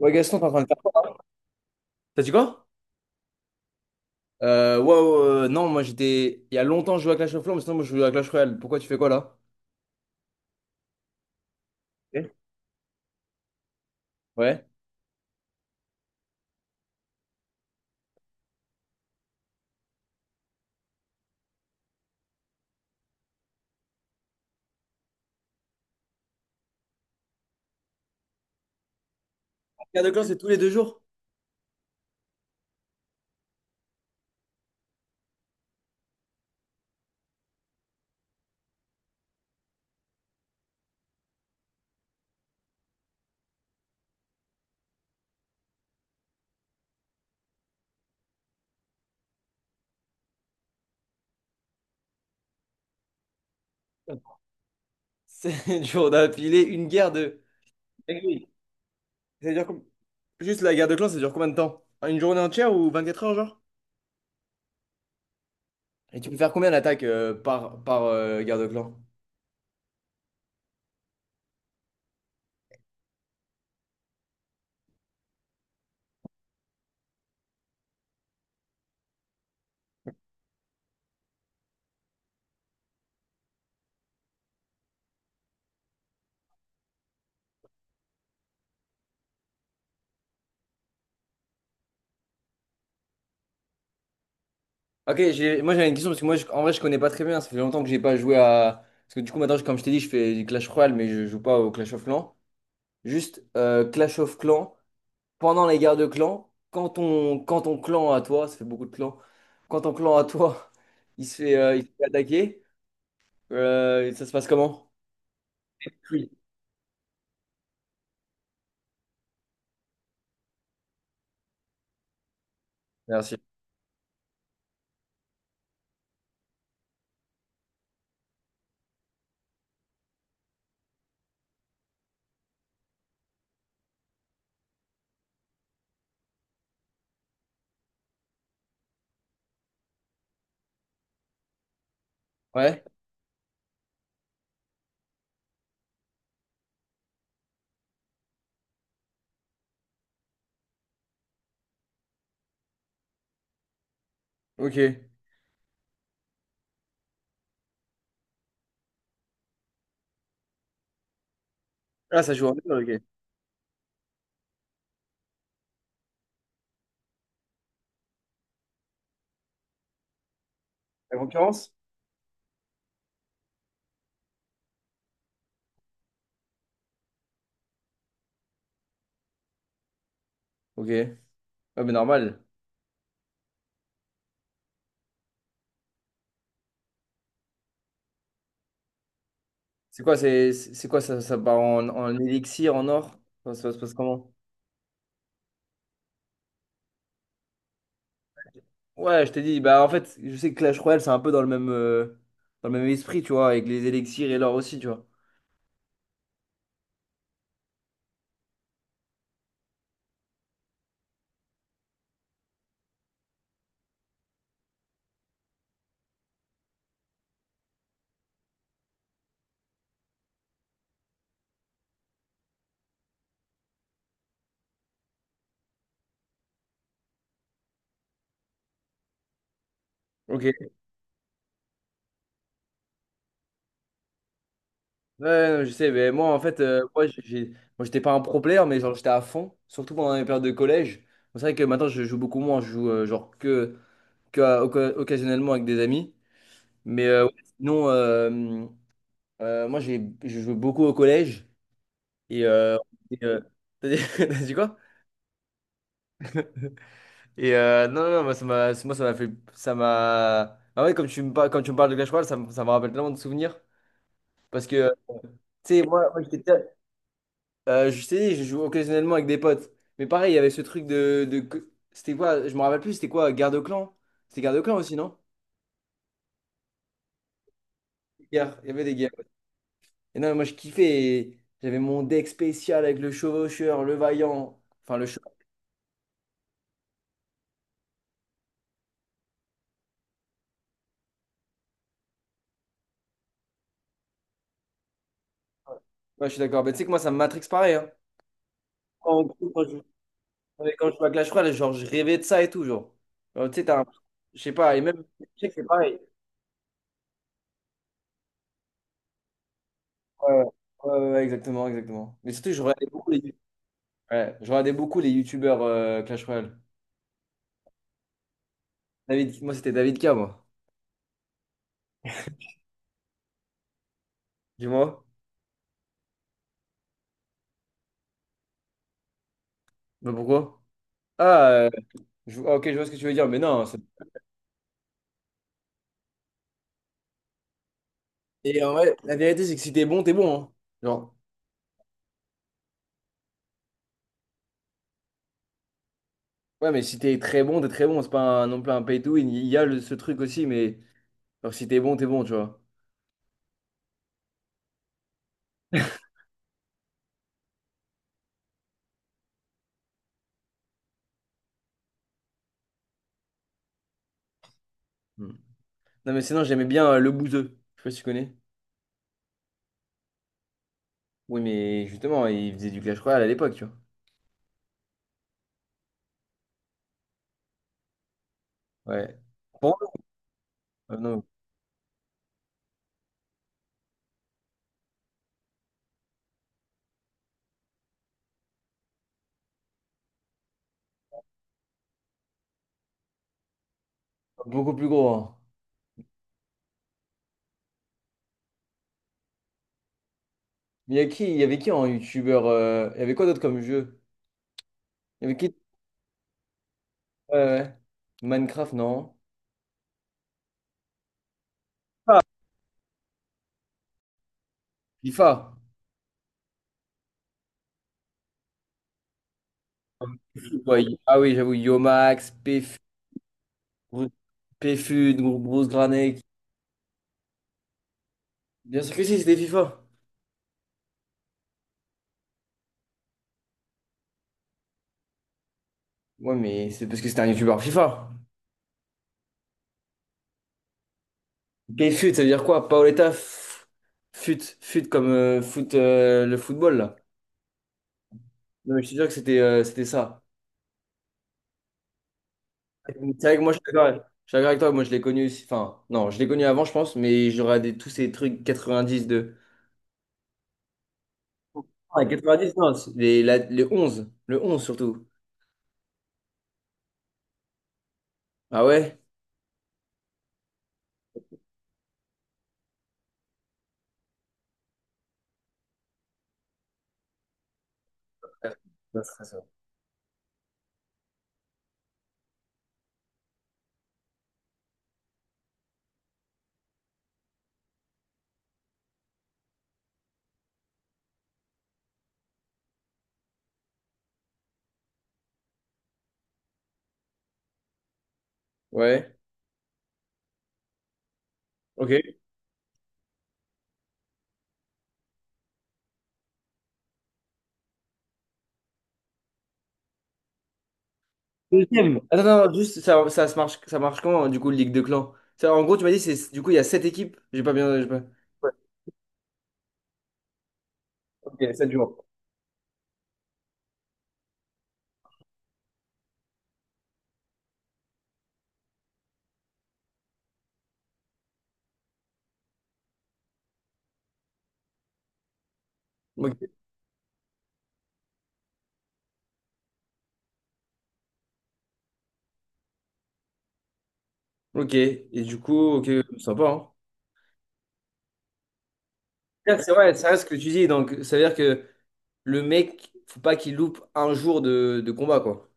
Ouais, Gaston, t'es en train de faire quoi? T'as dit quoi? Ouais, ouais, ouais, non, moi j'étais. Il y a longtemps, je jouais à Clash of Clans, mais sinon, moi je joue à Clash Royale. Pourquoi tu fais quoi là? Ok. Ouais. La guerre de clans, c'est tous les deux jours. C'est dur d'appeler une guerre de. Eh oui. Ça dure com- juste la guerre de clans, ça dure combien de temps? Une journée entière ou 24 heures, genre? Et tu peux faire combien d'attaques par, par guerre de clan? Ok, j'ai- moi j'avais une question parce que moi je- en vrai je connais pas très bien, ça fait longtemps que j'ai pas joué à. Parce que du coup maintenant, je- comme je t'ai dit, je fais du Clash Royale mais je joue pas au Clash of Clans. Juste Clash of Clans, pendant les guerres de clans, quand ton clan à toi, ça fait beaucoup de clans, quand ton clan à toi, il se fait attaquer, ça se passe comment? Oui. Merci. Ouais, ok. Ah, ça joue en deux, ok. La concurrence? Ok. Ouais, mais normal. C'est quoi, c'est quoi ça, ça part en, en élixir, en or? Ça se passe comment? Ouais, je t'ai dit, bah en fait, je sais que Clash Royale, c'est un peu dans le même esprit, tu vois, avec les élixirs et l'or aussi, tu vois. Ok. Ouais, non, je sais, mais moi en fait, j'ai- moi, j'étais pas un pro player, mais genre j'étais à fond, surtout pendant les périodes de collège. C'est vrai que maintenant je joue beaucoup moins, je joue que à- oca- occasionnellement avec des amis. Mais ouais, sinon, moi j'ai, je joue beaucoup au collège. Et, et, euh, t'as dit quoi? Et non, non, non, moi, ça m'a fait, ça m'a. Ah ouais, parles comme tu me parles de Clash Royale, ça me rappelle tellement de souvenirs. Parce que, tu sais, moi, j'étais je t'ai dit, je joue occasionnellement avec des potes. Mais pareil, il y avait ce truc de... que- c'était quoi? Je me rappelle plus, c'était quoi? Garde de clan? C'était garde de clan aussi, non? Guerre, il y avait des guerres. Ouais. Et non, moi je kiffais. Et j'avais mon deck spécial avec le chevaucheur, le vaillant. Enfin, le chevaucheur, ouais, je suis d'accord. Mais tu sais que moi, ça me matrix pareil, hein. En gros, quand je, ouais, quand je joue à Clash Royale, genre, je rêvais de ça et tout, genre. Alors, tu sais, t'as un- je sais pas, et même... Je sais que c'est pareil. Ouais, ouais, ouais, ouais, exactement, exactement. Mais surtout, je regardais beaucoup les... Ouais, je regardais beaucoup les youtubeurs Clash Royale. David, moi c'était David K, moi. Dis-moi. Mais pourquoi? Ah, je- ah, ok, je vois ce que tu veux dire, mais non, c'est- et en vrai, la vérité, c'est que si t'es bon, t'es bon, hein. Genre, ouais, mais si t'es très bon, t'es très bon. C'est pas un, non plus un pay to win. Il y a le- ce truc aussi, mais genre, si t'es bon, t'es bon, tu vois. Hmm. Non, mais sinon, j'aimais bien le bouseux. Je sais pas si tu connais. Oui, mais justement, il faisait du Clash Royale à l'époque, tu vois. Ouais. Pour moi, non, beaucoup plus gros, hein. Mais il y avait qui en youtubeur il y avait quoi d'autre comme jeu? Il y avait qui? Ouais, ouais, ouais. Minecraft, non. FIFA. Ouais, y- ah oui, j'avoue, Yomax, Pf, Bru- Pfud, Gru- Bruce Granek. Bien sûr que si, c'était FIFA. Ouais, mais c'est parce que c'était un youtubeur FIFA. Pfud, ça veut dire quoi? Paoletta F- Fut, Fut comme foot, le football, là. Non, mais je te jure que c'était c'était ça. C'est vrai que moi, je suis d'accord avec toi. Moi, je l'ai connu aussi. Enfin, non, je l'ai connu avant, je pense, mais j'aurais des- tous ces trucs 90 de. Ah, 90, non, c'est les, la- les 11. Le 11, surtout. Ah ouais? Ouais. Ça serait ça. Ouais. Ok. Deuxième. Attends, non, non, juste, ça marche comment du coup, Ligue de clans? Ça, en gros, tu m'as dit, c'est, du coup, il y a sept équipes. J'ai pas bien. J'ai pas- ouais, ok, sept jours. Ok. Ok. Et du coup, ok, sympa, hein. C'est vrai, ça reste ce que tu dis. Donc, ça veut dire que le mec, faut pas qu'il loupe un jour de combat, quoi.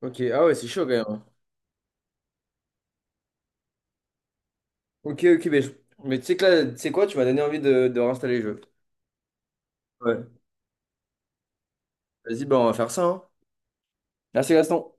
Ok, ah ouais, c'est chaud quand même, hein. Ok, ok, mais, je- mais tu sais que là, tu sais quoi, tu m'as donné envie de réinstaller le jeu. Ouais. Vas-y, bah, on va faire ça, hein. Merci, Gaston.